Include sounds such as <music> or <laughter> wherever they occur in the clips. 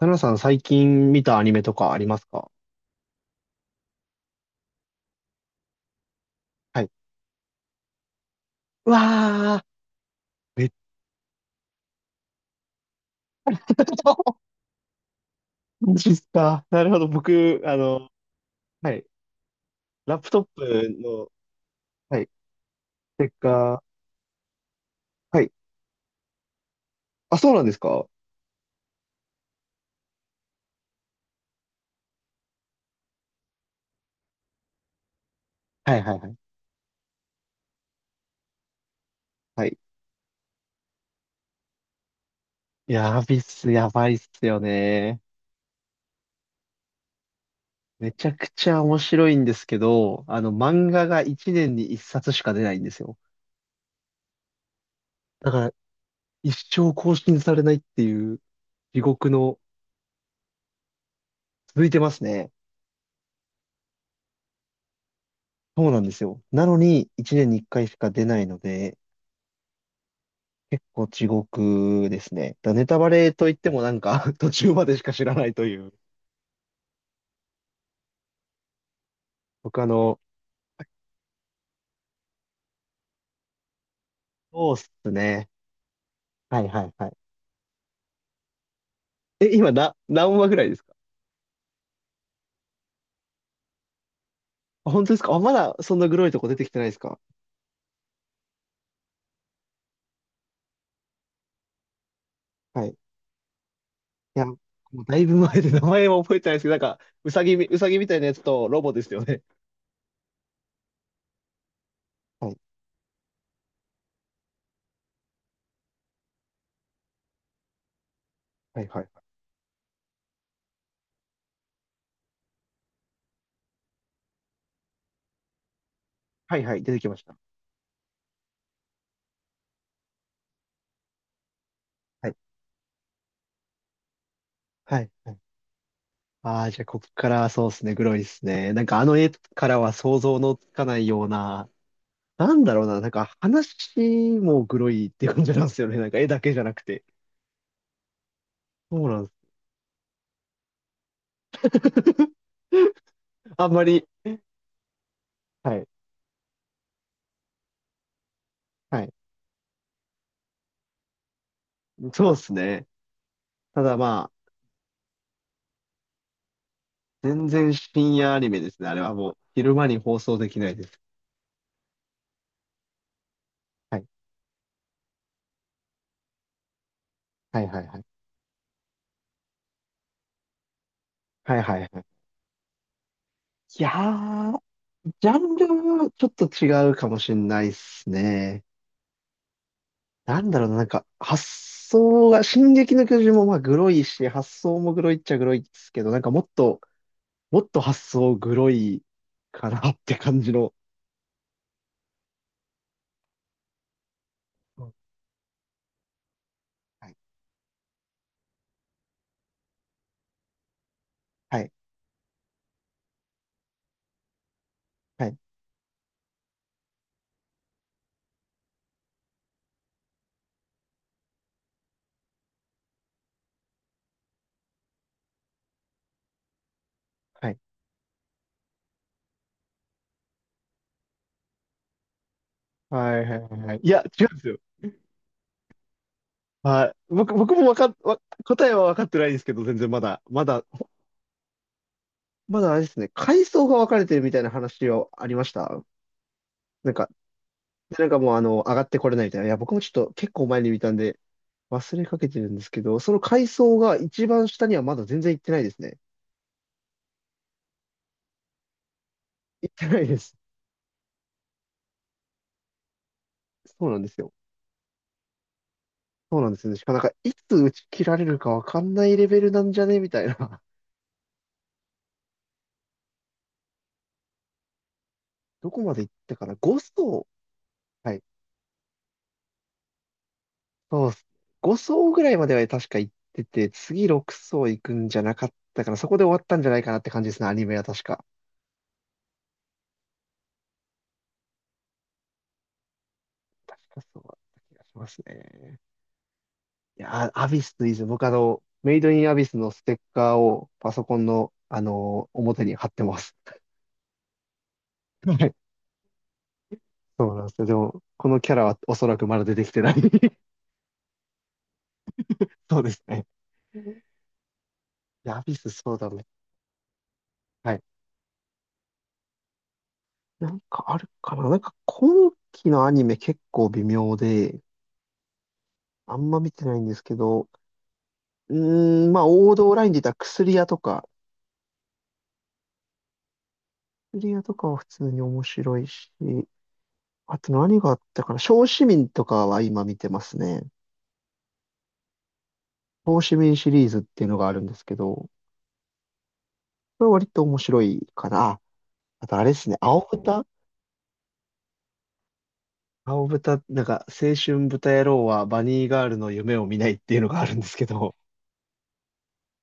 ナナさん最近見たアニメとかありますか？はい。うわー、<laughs> めっちゃマジっすか。なるほど。僕、はい。ラップトップの、はい。ステッカー。はい。あ、そうなんですか？はいはいはい。はい。やびっす、やばいっすよね。めちゃくちゃ面白いんですけど、漫画が1年に1冊しか出ないんですよ。だから、一生更新されないっていう地獄の、続いてますね。そうなんですよ。なのに、1年に1回しか出ないので、結構地獄ですね。だネタバレといってもなんか <laughs> 途中までしか知らないという。他の、そうっすね。はいはいはい。え、今な、何話ぐらいですか？あ、本当ですか？あ、まだそんなグロいとこ出てきてないですか？はい。いや、もうだいぶ前で名前は覚えてないですけど、なんか、うさぎみたいなやつとロボですよね。はい。はいはい。はいはい。出てきました。はい。はい。はい。ああ、じゃあこっからそうですね。グロいですね。なんかあの絵からは想像のつかないような、なんだろうな、なんか話もグロいって感じなんですよね。なんか絵だけじゃなくて。そうなんです。<laughs> あんまり、はい、はい。そうですね。ただまあ、全然深夜アニメですね。あれはもう、昼間に放送できないです。はい、はい、はい、はい。はいはいはい。いやー、ジャンルはちょっと違うかもしれないっすね。なんだろうな、なんか、発想が、進撃の巨人もまあ、グロいし、発想もグロいっちゃグロいっすけど、なんかもっと、もっと発想グロいかなって感じの。うんはい。はい。はい。はい。はい。はい。はい。いや、違うんですよ。はい。僕もわかっ、わ、答えは分かってないんですけど、全然まだ、まだ、まだあれですね、階層が分かれてるみたいな話はありました。なんか、でなんかもう上がってこれないみたいな。いや、僕もちょっと結構前に見たんで、忘れかけてるんですけど、その階層が一番下にはまだ全然行ってないですね。行ってないです。そうなんですよ。そうなんですね。しかもなんか、いつ打ち切られるかわかんないレベルなんじゃねみたいな。<laughs> どこまで行ったかな？ 5 層。はい。そうっす。5層ぐらいまでは確か行ってて、次6層行くんじゃなかったから、そこで終わったんじゃないかなって感じですね、アニメは確か。確かそうだった気がしますね。いやー、アビスいいですよ。僕メイドインアビスのステッカーをパソコンの、表に貼ってます。<laughs> はい。そうなんですよ。でも、このキャラはおそらくまだ出てきてない。<laughs> そうですね。や、アビス、そうだね。はい。なんかあるかな？なんか今期のアニメ結構微妙で、あんま見てないんですけど、うーん、まあ王道ラインで言ったら薬屋とか、薬屋とかは普通に面白いし、あと何があったかな、小市民とかは今見てますね。小市民シリーズっていうのがあるんですけど、これは割と面白いかな。ああとあれですね、青豚、なんか、青春豚野郎はバニーガールの夢を見ないっていうのがあるんですけど、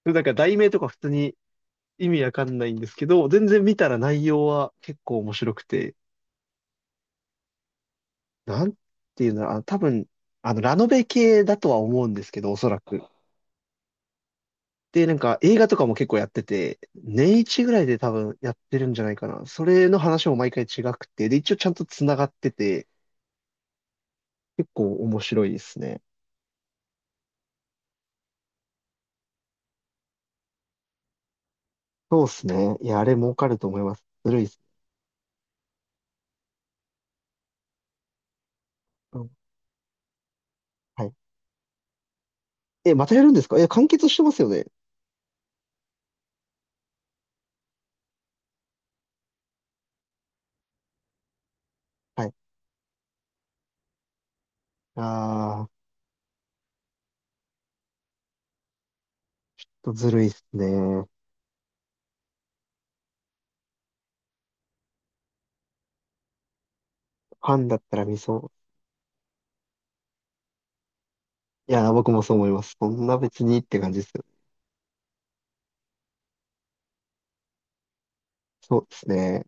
なんか題名とか普通に意味わかんないんですけど、全然見たら内容は結構面白くて、なんていうの、あ、多分、ラノベ系だとは思うんですけど、おそらく。で、なんか映画とかも結構やってて、年一ぐらいで多分やってるんじゃないかな。それの話も毎回違くて、で、一応ちゃんと繋がってて、結構面白いですね。そうですね。いや、あれ儲かると思います。ずるいです。うんはい。え、またやるんですか？え、完結してますよね。はい。あー、ずるいですね。ファンだったら見そう。いや、僕もそう思います。そんな別にって感じですよね。そうですね。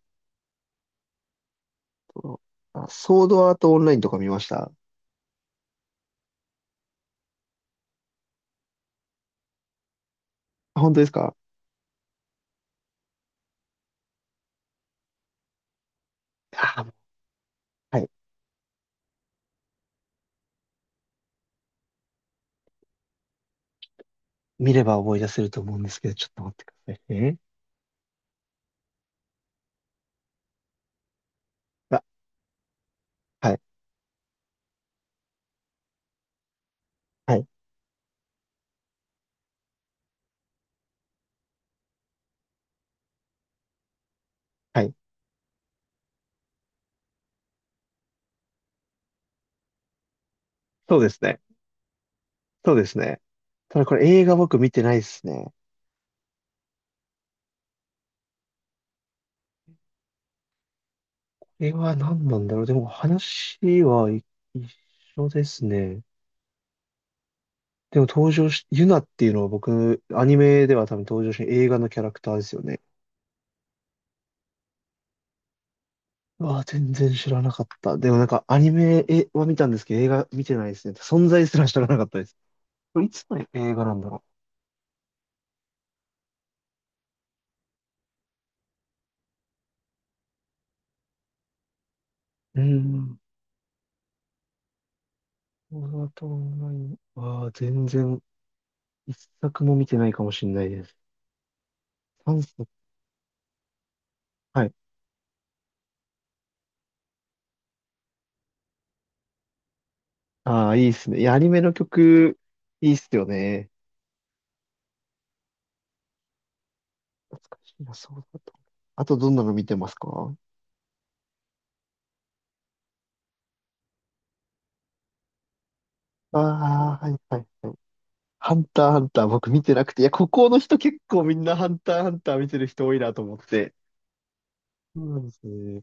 とあ、ソードアートオンラインとか見ました？あ、本当ですか？あ、はい。見れば思い出せると思うんですけど、ちょっと待ってくださいね。あ、はい、はい、はい。そうですね。そうですね。ただこれ映画僕見てないですね。これは何なんだろう。でも話はい、一緒ですね。でも登場し、ユナっていうのは僕、アニメでは多分登場し、映画のキャラクターですよね。うわ、全然知らなかった。でもなんかアニメは見たんですけど、映画見てないですね。存在すら知らなかったです。これいつの映画なんだろう。うん。オーナイ、わあ全然、一作も見てないかもしれないです。三作。はい。ああ、いいですね。いや、アニメの曲、いいっすよね。懐かしいな、そうだった。あとどんなの見てますか？ああー、はい、はい、はい。ハンター、ハンター、僕見てなくて。いや、ここの人結構みんなハンター、ハンター見てる人多いなと思って。そうなんですね。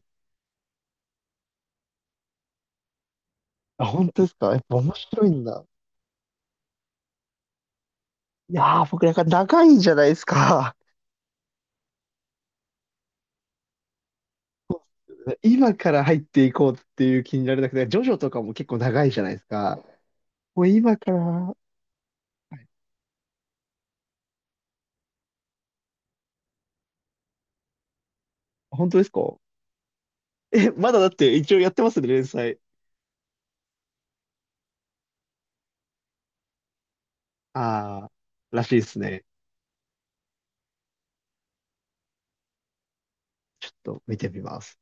あ、本当ですか？やっぱ面白いんだ。いやー、僕なんか長いじゃないですか。今から入っていこうっていう気になれなくて、ジョジョとかも結構長いじゃないですか。もう今から、本当ですか？え、まだだって一応やってますね、連載。あー、らしいですね。ちょっと見てみます。